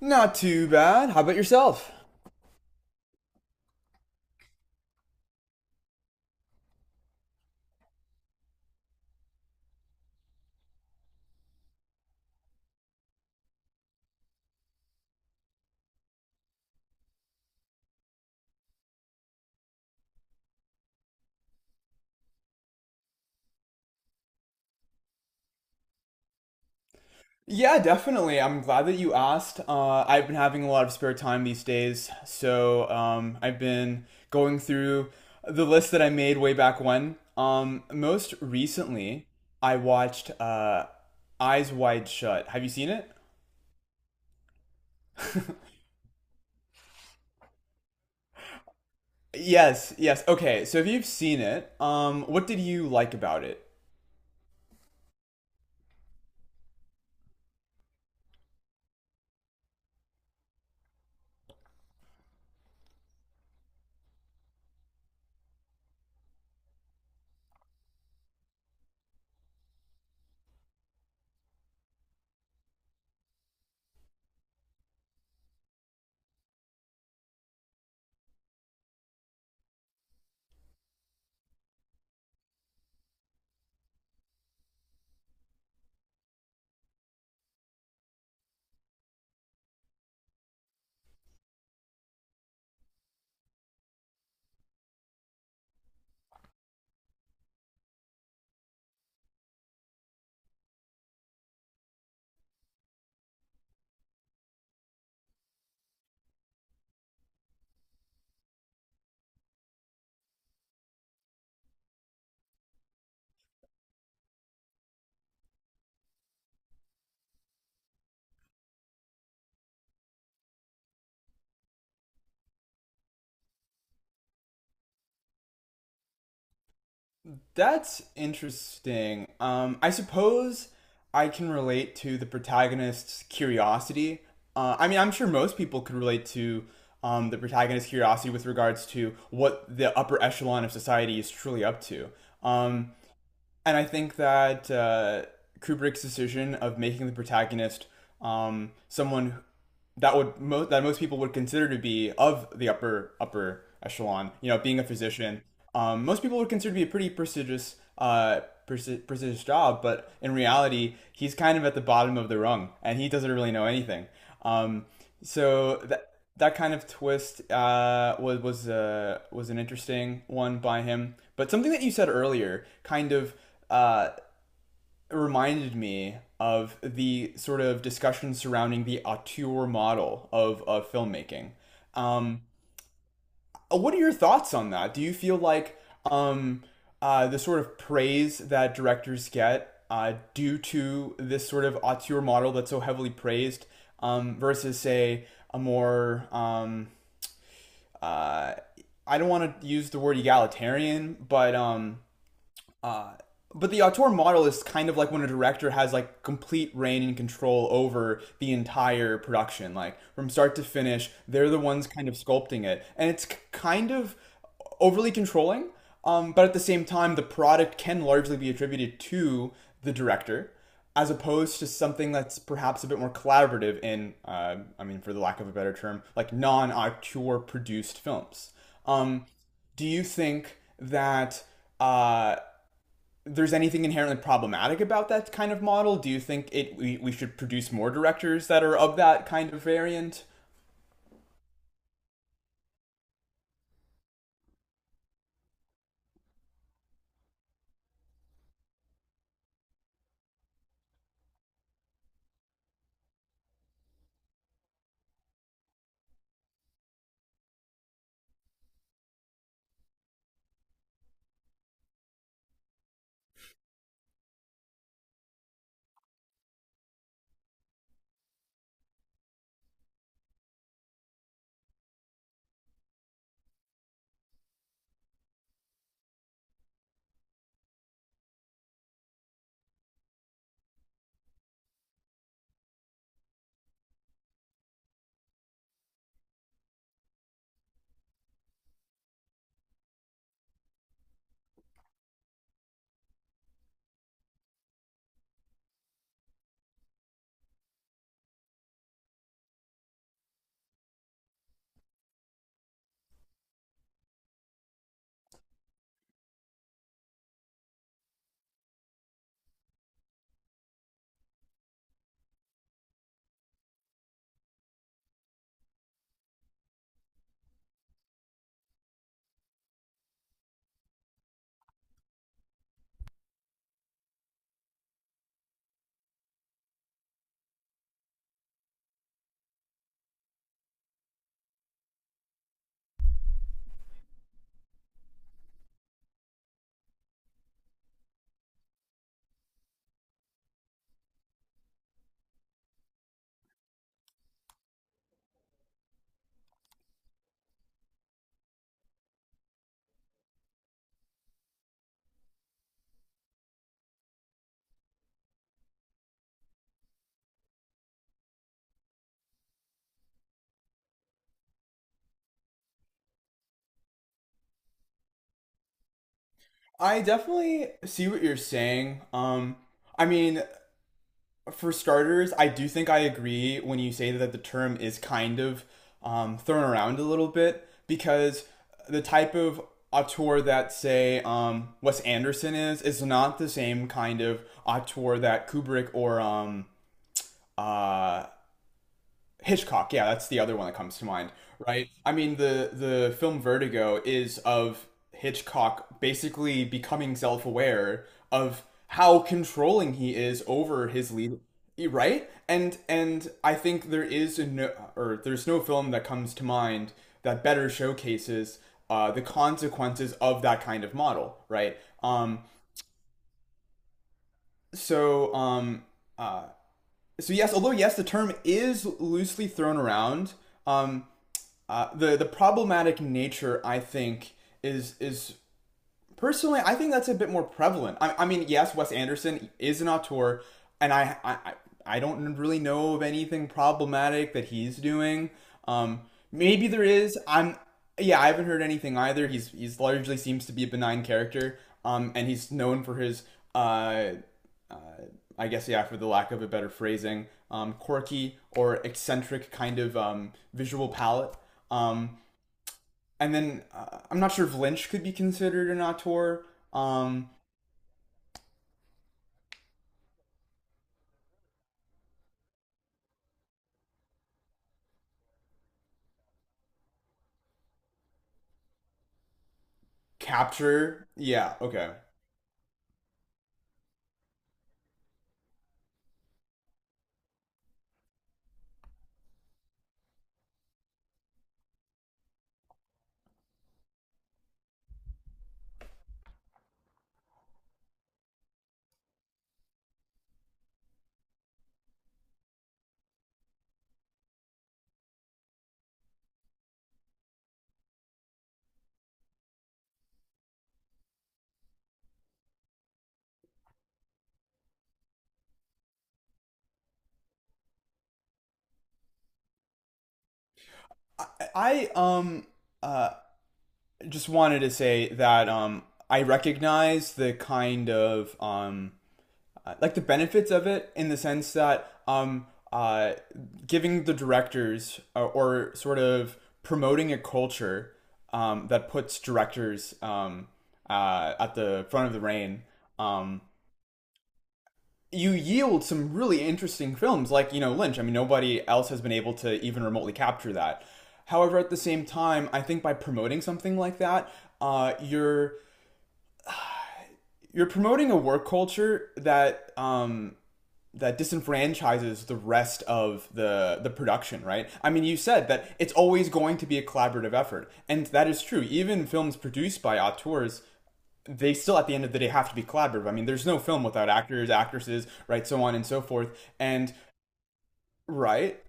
Not too bad. How about yourself? Yeah, definitely. I'm glad that you asked. I've been having a lot of spare time these days, so I've been going through the list that I made way back when. Most recently, I watched Eyes Wide Shut. Have you seen it? Yes, yes. Okay, so if you've seen it, what did you like about it? That's interesting. I suppose I can relate to the protagonist's curiosity. I mean, I'm sure most people could relate to the protagonist's curiosity with regards to what the upper echelon of society is truly up to. Um, and I think that Kubrick's decision of making the protagonist someone that would most people would consider to be of the upper echelon. You know, being a physician, most people would consider to be a pretty prestigious prestigious job. But in reality, he's kind of at the bottom of the rung, and he doesn't really know anything. Um, so that kind of twist was an interesting one by him. But something that you said earlier, kind of uh, reminded me of the sort of discussion surrounding the auteur model of filmmaking. Um, what are your thoughts on that? Do you feel like um, the sort of praise that directors get due to this sort of auteur model that's so heavily praised, versus, say, a more, uh, I don't want to use the word egalitarian, but the auteur model is kind of like when a director has like complete reign and control over the entire production, like from start to finish. They're the ones kind of sculpting it, and kind of overly controlling. But at the same time, the product can largely be attributed to the director, as opposed to something that's perhaps a bit more collaborative in, I mean, for the lack of a better term, like non-auteur produced films. Um, do you think that uh, there's anything inherently problematic about that kind of model? Do you think we should produce more directors that are of that kind of variant? I definitely see what you're saying. I mean, for starters, I do think I agree when you say that the term is kind of thrown around a little bit because the type of auteur that, say, Wes Anderson is not the same kind of auteur that Kubrick or uh, Hitchcock, yeah, that's the other one that comes to mind, right? I mean, the film Vertigo is of Hitchcock basically becoming self-aware of how controlling he is over his lead, right? And I think there is a no, or there's no film that comes to mind that better showcases the consequences of that kind of model, right? Um, so um, uh, so yes, although yes, the term is loosely thrown around. Um, the problematic nature I think is personally, I think that's a bit more prevalent. I mean, yes, Wes Anderson is an auteur, and don't really know of anything problematic that he's doing. Um, maybe there is. Yeah, I haven't heard anything either. He's largely seems to be a benign character. And he's known for his, uh, uh, I guess yeah, for the lack of a better phrasing, quirky or eccentric kind of visual palette. Um, and then I'm not sure if Lynch could be considered an auteur. Um, capture, yeah, okay. I, I um uh just wanted to say that I recognize the kind of like the benefits of it in the sense that uh giving the directors or sort of promoting a culture that puts directors at the front of the reign, um you yield some really interesting films, like, you know, Lynch. I mean, nobody else has been able to even remotely capture that. However, at the same time, I think by promoting something like that, uh, you're you're promoting a work culture that that disenfranchises the rest of the production, right? I mean, you said that it's always going to be a collaborative effort, and that is true. Even films produced by auteurs, they still at the end of the day have to be collaborative. I mean, there's no film without actors, actresses, right, so on and so forth. And right?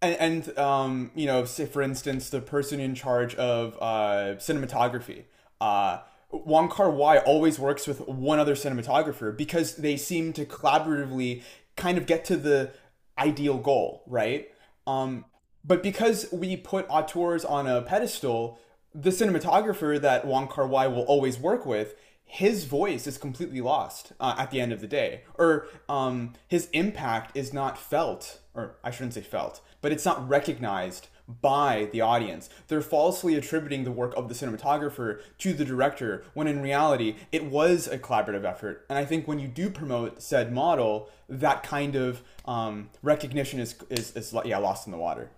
And, you know, say for instance, the person in charge of cinematography, uh, Wong Kar Wai always works with one other cinematographer because they seem to collaboratively kind of get to the ideal goal, right? Um, but because we put auteurs on a pedestal, the cinematographer that Wong Kar Wai will always work with, his voice is completely lost at the end of the day, or his impact is not felt, or I shouldn't say felt, but it's not recognized by the audience. They're falsely attributing the work of the cinematographer to the director, when in reality, it was a collaborative effort. And I think when you do promote said model, that kind of recognition is, yeah, lost in the water.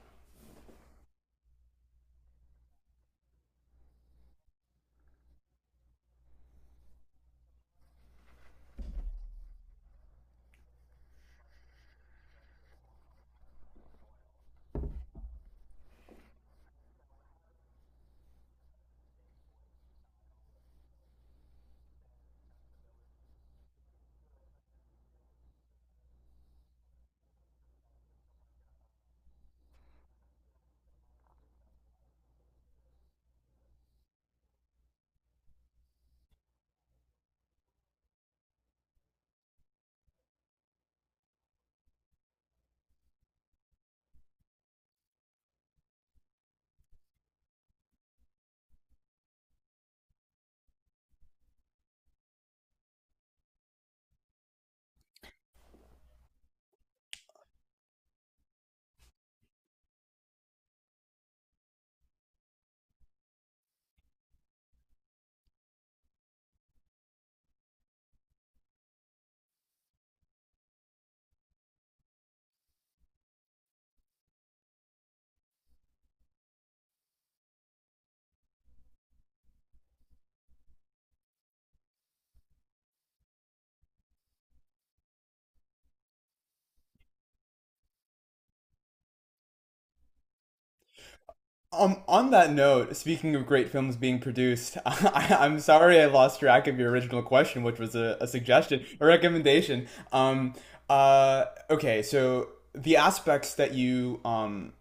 On that note, speaking of great films being produced, I'm sorry I lost track of your original question, which was a suggestion, a recommendation. Okay, so the aspects that you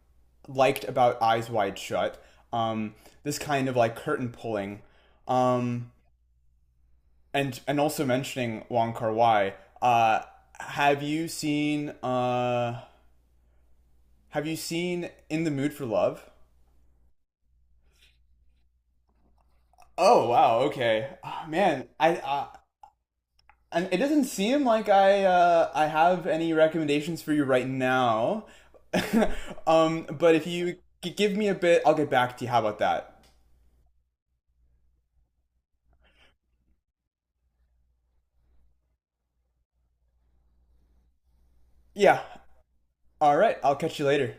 liked about Eyes Wide Shut, um, this kind of like curtain pulling, um, and also mentioning Wong Kar Wai. Uh, have you seen uh, Have you seen In the Mood for Love? Oh wow, okay, oh, man. I And it doesn't seem like I have any recommendations for you right now. But if you give me a bit, I'll get back to you. How about that? Yeah. All right. I'll catch you later.